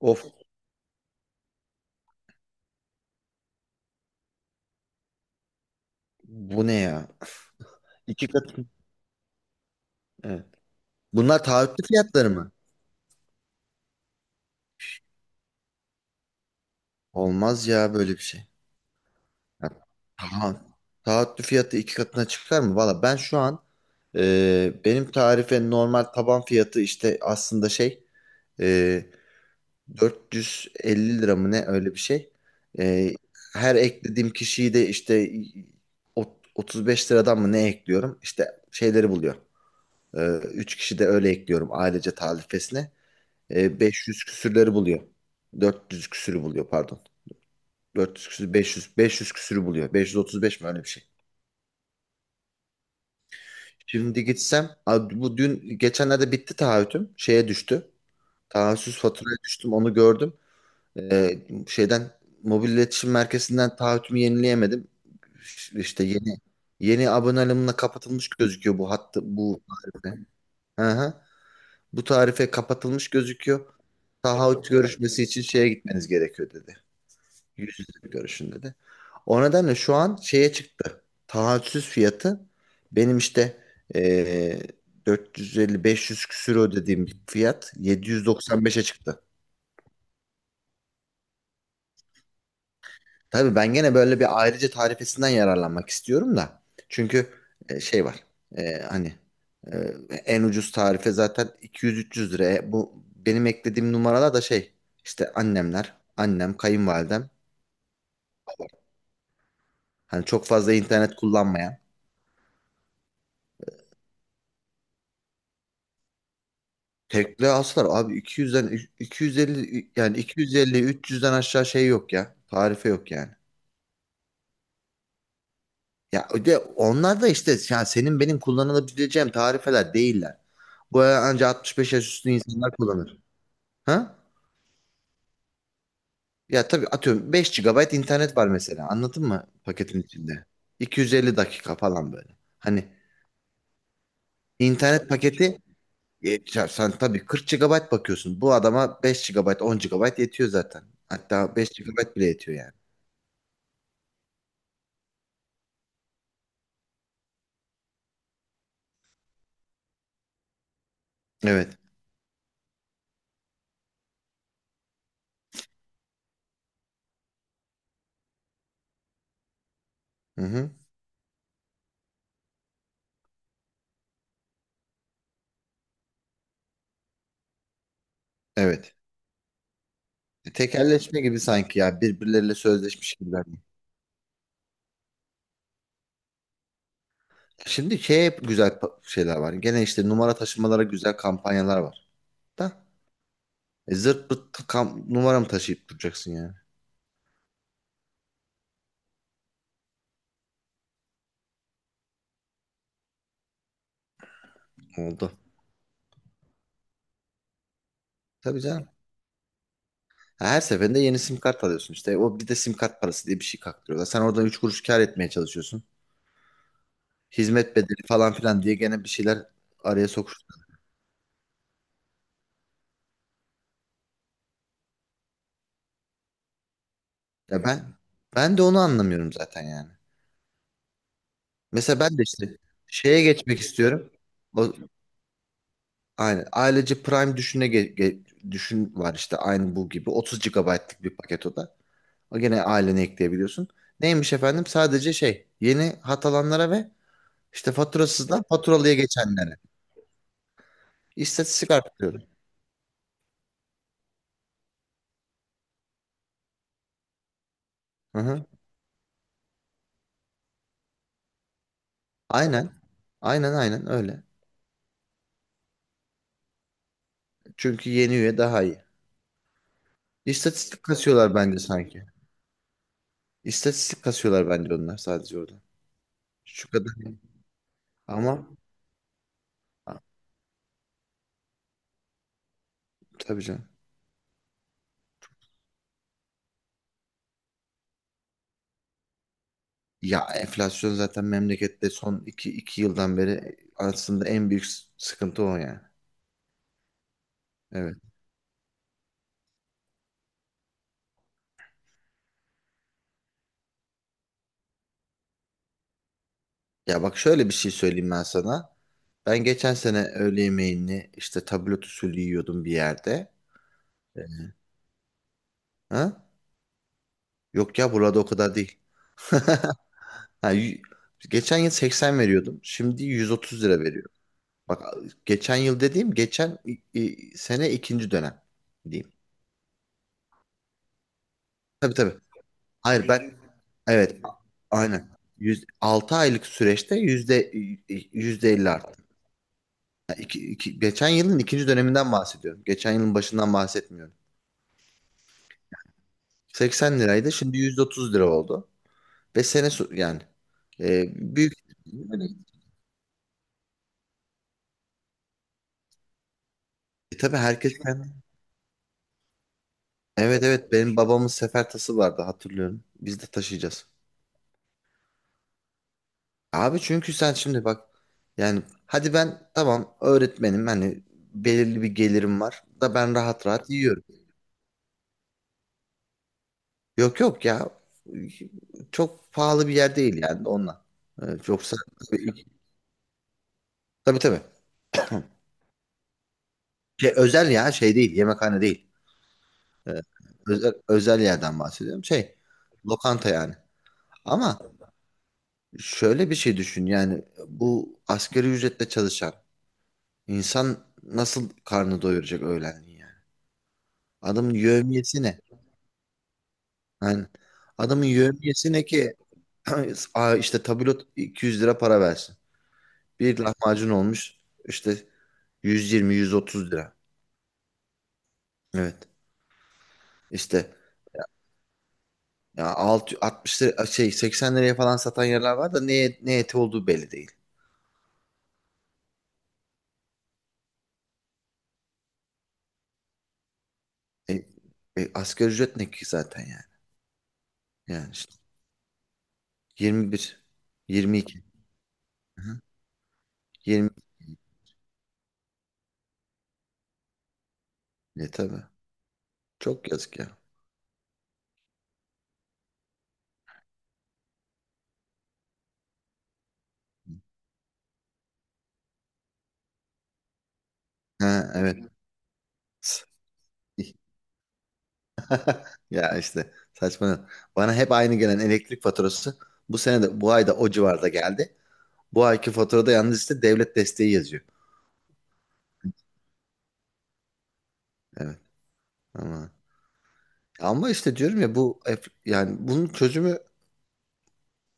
Of, bu ne ya? İki kat. Evet. Bunlar taahhütlü fiyatları mı? Olmaz ya böyle bir şey. Ya, tamam. Taahhütlü fiyatı iki katına çıkar mı? Valla ben şu an benim tarife normal taban fiyatı işte aslında e, 450 lira mı ne, öyle bir şey. E, her eklediğim kişiyi de işte 35 liradan mı ne ekliyorum? İşte şeyleri buluyor. E, 3 kişi de öyle ekliyorum ailece tarifesine. 500 küsürleri buluyor. 400 küsürü buluyor, pardon. 400 küsür 500 küsürü buluyor. 535 mi, öyle bir şey. Şimdi gitsem bu dün geçenlerde bitti taahhütüm. Şeye düştü. Taahhütsüz faturaya düştüm, onu gördüm. E, şeyden, mobil iletişim merkezinden taahhütümü yenileyemedim. İşte yeni aboneliğimle kapatılmış gözüküyor bu hattı, bu tarife. Hı hı. Bu tarife kapatılmış gözüküyor. Taahhüt görüşmesi için şeye gitmeniz gerekiyor dedi. Yüz yüze görüşün dedi. O nedenle şu an şeye çıktı. Taahhütsüz fiyatı, benim işte eee 450-500 küsür ödediğim bir fiyat 795'e çıktı. Tabii ben gene böyle bir ayrıca tarifesinden yararlanmak istiyorum da. Çünkü şey var. Hani e, en ucuz tarife zaten 200-300 lira. Bu benim eklediğim numaralar da şey, işte annemler, annem, kayınvalidem. Hani çok fazla internet kullanmayan. Tekle aslar abi 200'den 250, yani 250 300'den aşağı şey yok ya. Tarife yok yani. Ya o de onlar da işte, yani senin benim kullanılabileceğim tarifeler değiller. Bu ancak 65 yaş üstü insanlar kullanır. Ha? Ya tabii, atıyorum 5 gigabayt internet var mesela. Anladın mı paketin içinde? 250 dakika falan böyle. Hani internet paketi, ya sen tabii 40 gigabayt bakıyorsun. Bu adama 5 gigabayt, 10 gigabayt yetiyor zaten. Hatta 5 gigabayt bile yetiyor yani. Evet. Hı hı. Evet. Tekelleşme gibi sanki ya, birbirleriyle sözleşmiş gibiler. Şimdi şey, şeyler var. Gene işte numara taşımalara güzel kampanyalar var. Da zırt pırt ta- kam numara mı taşıyıp duracaksın yani? Oldu. Tabii canım. Ha, her seferinde yeni sim kart alıyorsun işte. O bir de sim kart parası diye bir şey kaktırıyorlar. Sen oradan 3 kuruş kar etmeye çalışıyorsun. Hizmet bedeli falan filan diye gene bir şeyler araya sokuşturuyor. Ya ben de onu anlamıyorum zaten yani. Mesela ben de işte şeye geçmek istiyorum. O, aynen. Ailece Prime düşün var işte, aynı bu gibi 30 gigabaytlık bir paket o da. O gene ailene ekleyebiliyorsun. Neymiş efendim? Sadece şey, yeni hat alanlara ve işte faturasızdan faturalıya geçenlere. İstatistik artırıyorum. Hı hı. Aynen. Aynen öyle. Çünkü yeni üye daha iyi. İstatistik kasıyorlar bence sanki. İstatistik kasıyorlar bence onlar sadece orada. Şu kadar. Ama tabii canım. Ya enflasyon zaten memlekette son iki yıldan beri aslında en büyük sıkıntı o yani. Evet. Ya bak, şöyle bir şey söyleyeyim ben sana. Ben geçen sene öğle yemeğini işte tablet usulü yiyordum bir yerde. Ee, Ha? Yok ya, burada o kadar değil. Ha, y- geçen yıl 80 veriyordum. Şimdi 130 lira veriyorum. Bak, geçen yıl dediğim geçen sene ikinci dönem diyeyim. Tabii tabii. Hayır ben evet a- aynen. 6 aylık süreçte yüzde 50 arttı. Yani geçen yılın ikinci döneminden bahsediyorum. Geçen yılın başından bahsetmiyorum. 80 liraydı, şimdi 130 lira oldu. Ve yani e, büyük. Tabii herkes kendi. Evet, benim babamın sefer tası vardı, hatırlıyorum. Biz de taşıyacağız. Abi çünkü sen şimdi bak, yani hadi ben tamam öğretmenim hani, belirli bir gelirim var da ben rahat rahat yiyorum. Yok yok ya. Çok pahalı bir yer değil yani onunla. Evet, yoksa tabii tabii. Şey, özel ya şey değil, yemekhane değil. Ee, özel, özel yerden bahsediyorum. Şey, lokanta yani. Ama şöyle bir şey düşün, yani bu asgari ücretle çalışan insan nasıl karnı doyuracak öğlenliği yani. Adamın yevmiyesi ne? Yani adamın yevmiyesi ne ki? Aa, işte tabulot 200 lira para versin. Bir lahmacun olmuş işte 120-130 lira. Evet. İşte ya 6 60 lira, şey 80 liraya falan satan yerler var da ne eti olduğu belli değil. E, asgari ücret ne ki zaten yani. Yani işte 21, 22. Hı-hı. 20 ne, tabii. Çok yazık ya. Ha evet. Ya işte saçma. Bana hep aynı gelen elektrik faturası bu sene de bu ayda o civarda geldi. Bu ayki faturada yalnız işte devlet desteği yazıyor. Evet. Ama, ama işte diyorum ya bu yani bunun çözümü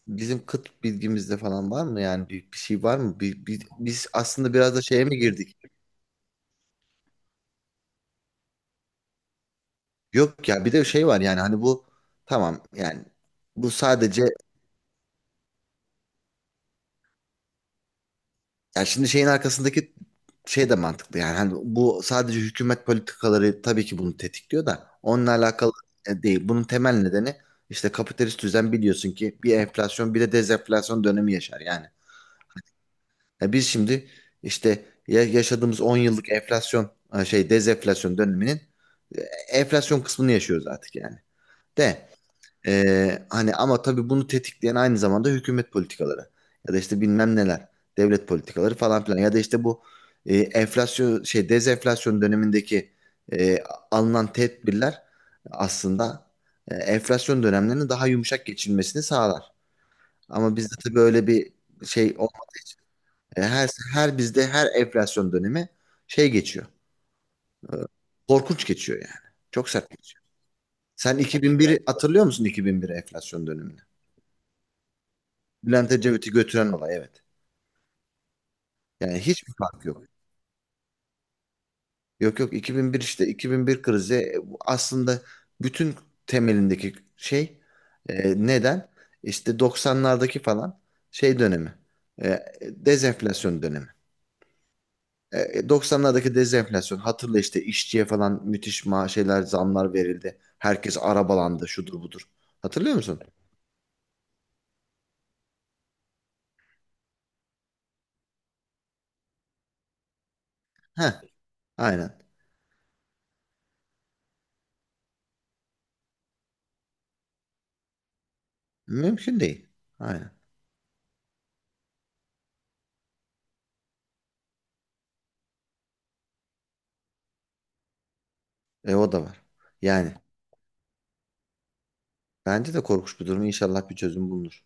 bizim kıt bilgimizde falan var mı? Yani bir şey var mı? Biz aslında biraz da şeye mi girdik? Yok ya, bir de şey var yani hani bu, tamam yani bu sadece, yani şimdi şeyin arkasındaki şey de mantıklı, yani hani bu sadece hükümet politikaları tabii ki bunu tetikliyor da onunla alakalı değil. Bunun temel nedeni işte kapitalist düzen, biliyorsun ki bir enflasyon bir de dezenflasyon dönemi yaşar yani. Ya biz şimdi işte yaşadığımız 10 yıllık enflasyon ha şey dezenflasyon döneminin e, enflasyon kısmını yaşıyoruz artık yani. De hani ama tabii bunu tetikleyen aynı zamanda hükümet politikaları ya da işte bilmem neler, devlet politikaları falan filan, ya da işte bu enflasyon şey dezenflasyon dönemindeki e, alınan tedbirler aslında enflasyon dönemlerinin daha yumuşak geçilmesini sağlar. Ama bizde tabii öyle bir şey olmadı. Her bizde her enflasyon dönemi şey geçiyor. Korkunç geçiyor yani. Çok sert geçiyor. Sen 2001'i hatırlıyor musun, 2001 enflasyon dönemini? Bülent Ecevit'i götüren olay, evet. Yani hiçbir fark yok. Yok yok, 2001, işte 2001 krizi, bu aslında bütün temelindeki şey neden? İşte 90'lardaki falan şey dönemi. Dezenflasyon dönemi. 90'lardaki dezenflasyon, hatırla, işte işçiye falan müthiş şeyler, zamlar verildi. Herkes arabalandı, şudur budur. Hatırlıyor musun? Heh, aynen. Mümkün değil. Aynen. E o da var. Yani bence de korkunç bir durum. İnşallah bir çözüm bulunur.